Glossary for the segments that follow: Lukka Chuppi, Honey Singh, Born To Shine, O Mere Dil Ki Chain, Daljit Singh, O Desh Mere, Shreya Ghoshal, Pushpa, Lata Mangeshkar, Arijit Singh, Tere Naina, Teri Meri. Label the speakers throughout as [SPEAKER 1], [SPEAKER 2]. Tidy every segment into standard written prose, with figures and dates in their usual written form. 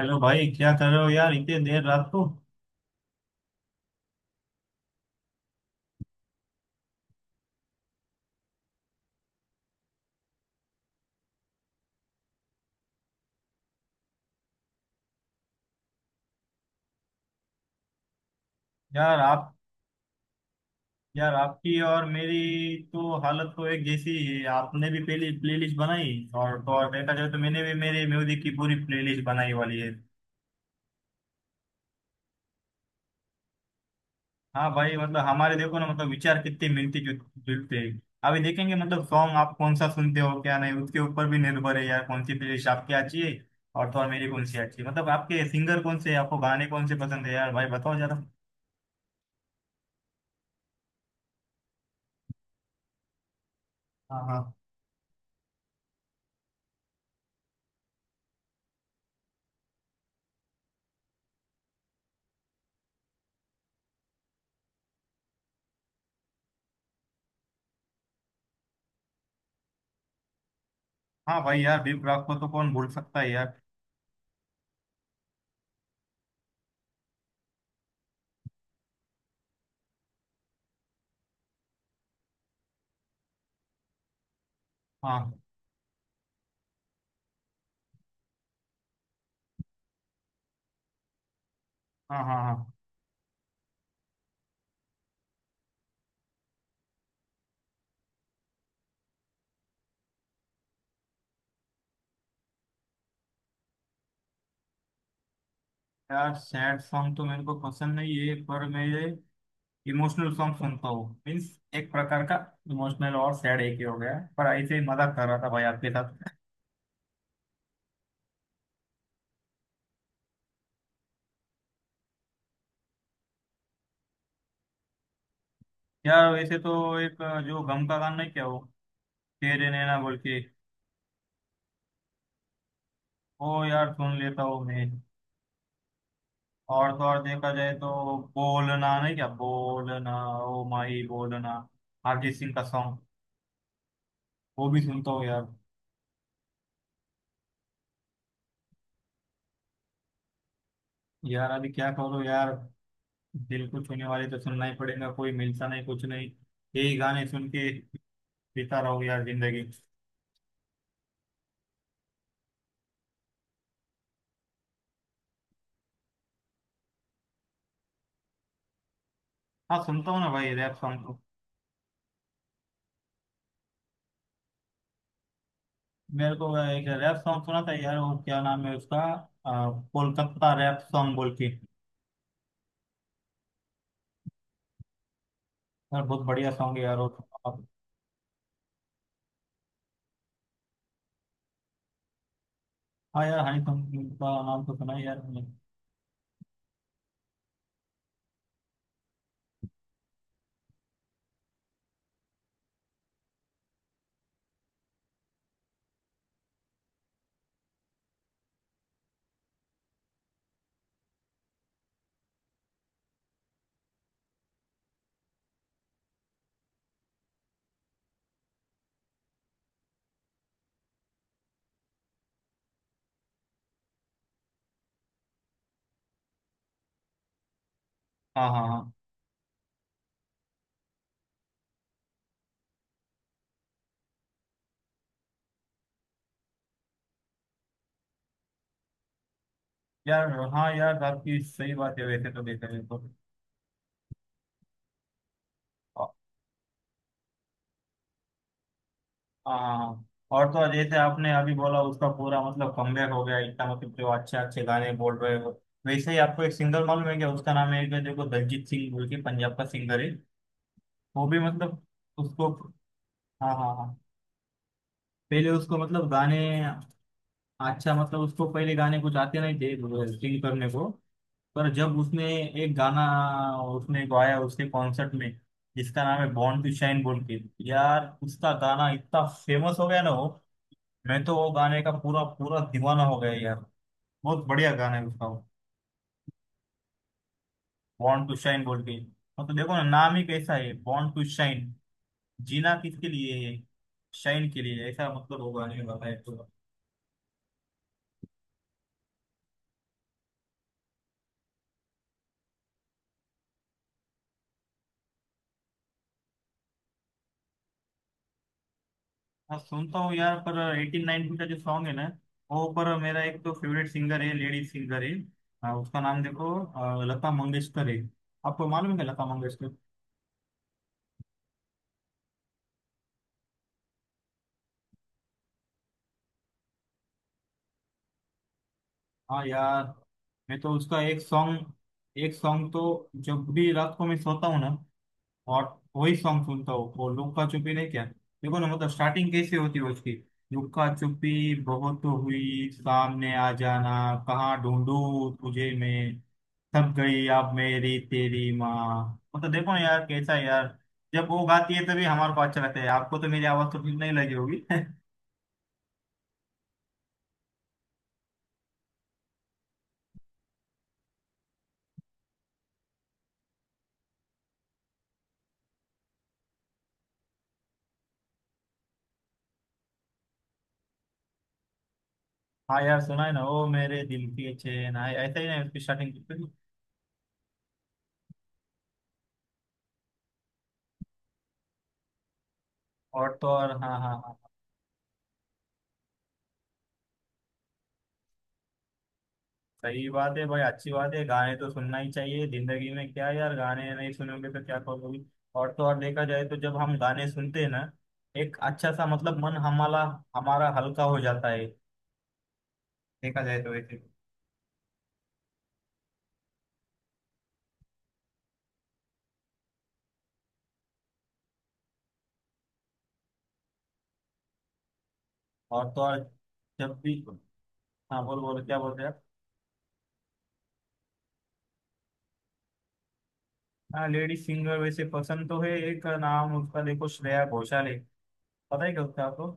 [SPEAKER 1] Hello भाई, क्या कर रहे हो यार इतने देर रात को। यार आप, यार आपकी और मेरी तो हालत तो एक जैसी ही है। आपने भी पहले प्लेलिस्ट बनाई और तो और देखा जाए तो मैंने भी मेरे म्यूजिक की पूरी प्लेलिस्ट बनाई वाली है। हाँ भाई, मतलब हमारे देखो ना मतलब विचार कितने मिलते जुलते हैं। अभी देखेंगे मतलब सॉन्ग आप कौन सा सुनते हो क्या नहीं, उसके ऊपर भी निर्भर है यार कौन सी प्लेलिस्ट आपकी अच्छी है और तो और मेरी कौन सी अच्छी है। मतलब आपके सिंगर कौन से हैं? आपको गाने कौन से पसंद है, यार भाई बताओ जरा। हाँ हाँ। हाँ भाई, यार दीप राग को तो कौन भूल सकता है यार। हाँ हाँ। हाँ हाँ। यार सैड सॉन्ग तो मेरे को पसंद नहीं है, पर मैं इमोशनल सॉन्ग सुनता हूँ। मीन्स एक प्रकार का इमोशनल और सैड एक ही हो गया है। पर ऐसे ही मजाक कर रहा था भाई आपके साथ। यार वैसे तो एक, जो गम का गाना नहीं क्या वो, तेरे नैना बोल के, वो यार सुन लेता हूँ मैं। और तो और देखा जाए तो बोलना नहीं क्या, बोलना ओ माही बोलना, अरिजीत सिंह का सॉन्ग, वो भी सुनता हूँ यार। यार अभी क्या करो यार, दिल को छूने वाले तो सुनना ही पड़ेगा। कोई मिलता नहीं कुछ नहीं, यही गाने सुन के बीता रहो यार जिंदगी। हाँ सुनता हूँ ना भाई, रैप सॉन्ग तो। मेरे को एक रैप सॉन्ग सुना था यार, वो क्या नाम है उसका, कोलकाता रैप सॉन्ग बोल के। यार बहुत बढ़िया सॉन्ग है यार वो। अब- हाँ यार, हनी सिंह का नाम तो सुना है यार मैंने। हाँ हाँ हाँ यार। हाँ यार आपकी सही बात है, वैसे तो देखा जाए तो। हाँ। और तो और जैसे आपने अभी बोला उसका पूरा मतलब कमबैक हो गया, इतना मतलब जो अच्छे अच्छे गाने बोल रहे हो। वैसे ही आपको एक सिंगर मालूम है क्या, उसका नाम है क्या देखो, दलजीत सिंह बोल के, पंजाब का सिंगर है। वो भी मतलब उसको। हाँ हाँ हाँ। पहले उसको मतलब गाने, अच्छा मतलब उसको पहले गाने कुछ आते नहीं थे सिंग करने को। पर जब उसने एक गाना, उसने गाया उसके कॉन्सर्ट में जिसका नाम है बॉर्न टू शाइन बोल के, यार उसका गाना इतना फेमस हो गया ना वो। मैं तो वो गाने का पूरा पूरा दीवाना हो गया यार, बहुत बढ़िया गाना है उसका। बॉर्न टू शाइन बोल के, मतलब देखो ना नाम ही कैसा है, बॉर्न टू शाइन। जीना किसके लिए है, शाइन के लिए, ऐसा मतलब वो गाने का है तो। हाँ सुनता हूँ यार, पर एटीन नाइनटीन का जो सॉन्ग है ना वो, पर मेरा एक तो फेवरेट सिंगर है, लेडीज सिंगर है। हाँ, उसका नाम देखो, लता मंगेशकर है। आपको मालूम है लता मंगेशकर। हाँ यार। मैं तो उसका एक सॉन्ग, एक सॉन्ग तो जब भी रात को मैं सोता हूँ ना, और वही सॉन्ग सुनता हूँ, वो लुक्का छुपी नहीं क्या। देखो ना मतलब स्टार्टिंग कैसे होती है उसकी। लुक्का छुपी बहुत हुई सामने आ जाना, कहाँ ढूंढूं तुझे मैं, थक गई अब मेरी तेरी माँ। मतलब देखो ना यार कैसा है यार। जब वो गाती है तभी हमारे को अच्छा लगता है, आपको तो मेरी आवाज तो ठीक नहीं लगी होगी। हाँ यार सुना है ना, ओ मेरे दिल की चैन, हाँ ऐसा ही ना उसकी स्टार्टिंग। और तो और, हाँ हाँ हाँ। सही बात है भाई, अच्छी बात है, गाने तो सुनना ही चाहिए जिंदगी में, क्या यार गाने नहीं सुनोगे तो क्या करोगे। और तो और देखा जाए तो जब हम गाने सुनते हैं ना, एक अच्छा सा मतलब मन हमारा हमारा हल्का हो जाता है, देखा जाए तो वैसे। और तो और जब भी, हाँ बोल बोल क्या बोलते हैं आप? हाँ लेडी सिंगर वैसे पसंद तो है, एक नाम उसका देखो श्रेया घोषाल है, पता है क्या उसका आपको।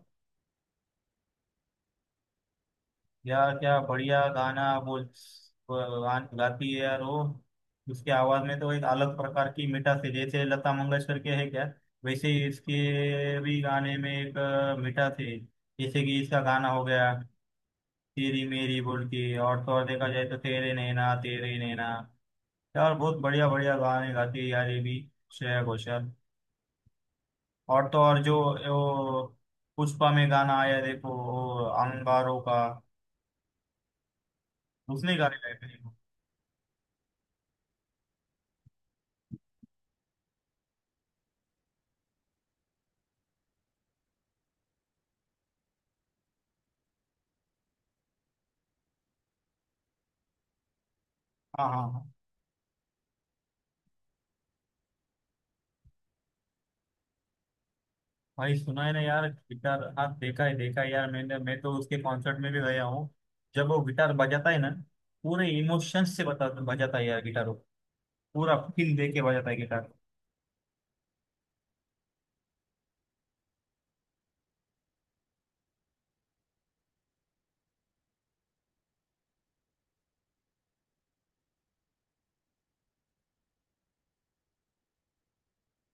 [SPEAKER 1] यार क्या बढ़िया गाना बोल गान गाती है यार वो। उसकी आवाज में तो एक अलग प्रकार की मिठास है, जैसे लता मंगेशकर के है क्या, वैसे ही इसके भी गाने में एक मिठास है। जैसे कि इसका गाना हो गया तेरी मेरी बोल के, और तो और देखा जाए तो तेरे नैना तेरे नैना। यार बहुत बढ़िया बढ़िया गाने गाती है यार ये भी, श्रेया घोषाल। और तो और जो वो, पुष्पा में गाना आया देखो वो अंगारों का, उसने गाने गाए थे। हाँ हाँ। भाई सुना है ना यार गिटार, हाँ देखा है यार मैंने, मैं तो उसके कॉन्सर्ट में भी गया हूँ। जब वो गिटार बजाता है ना, पूरे इमोशंस से बता बजाता है यार गिटार वो, पूरा फील दे के बजाता है गिटार।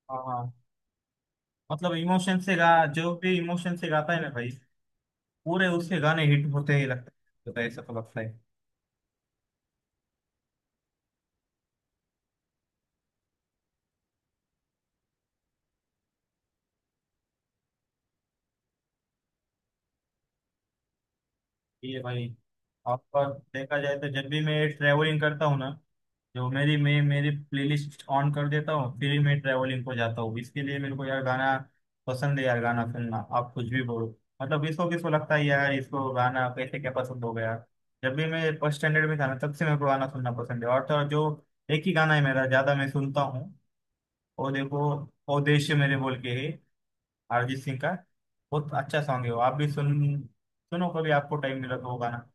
[SPEAKER 1] हाँ हाँ। मतलब इमोशन से गा, जो भी इमोशन से गाता है ना भाई पूरे, उसके गाने हिट होते ही लगता है, तो ऐसा तो लगता है। ये भाई आपका, देखा जाए तो जब भी मैं ट्रेवलिंग करता हूँ ना, जो मेरी मैं मेरी प्लेलिस्ट ऑन कर देता हूँ फिर ही मैं ट्रैवलिंग को जाता हूँ, इसके लिए मेरे को यार गाना पसंद है यार, गाना सुनना। आप कुछ भी बोलो, मतलब इसको किसको लगता है यार इसको गाना कैसे क्या पसंद हो गया। जब भी मैं फर्स्ट स्टैंडर्ड में था ना तब से मेरे को गाना सुनना पसंद है। और तो और जो एक ही गाना है मेरा ज्यादा मैं सुनता हूँ, वो देखो, ओ देश मेरे बोल के है, अरिजीत सिंह का। बहुत अच्छा सॉन्ग है वो, आप भी सुनो कभी, आपको टाइम मिला तो वो गाना।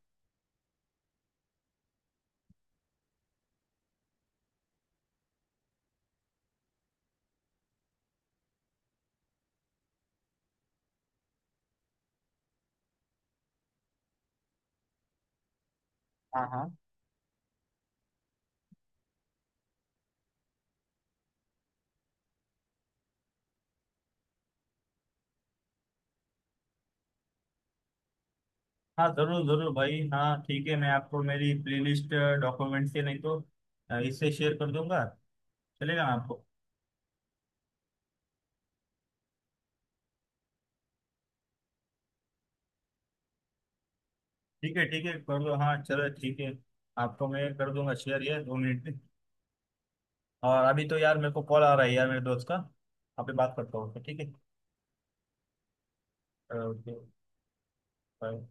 [SPEAKER 1] हाँ हाँ। हाँ जरूर जरूर भाई, हाँ ठीक है, मैं आपको मेरी प्लेलिस्ट डॉक्यूमेंट से नहीं तो इससे शेयर कर दूंगा, चलेगा ना आपको। ठीक है ठीक है, कर दो हाँ चलो, ठीक है। आपको मैं कर दूंगा शेयर यार, 2 मिनट में। और अभी तो यार मेरे को कॉल आ रहा है यार मेरे दोस्त का, आप ही बात करता हूँ ठीक है। Okay, bye.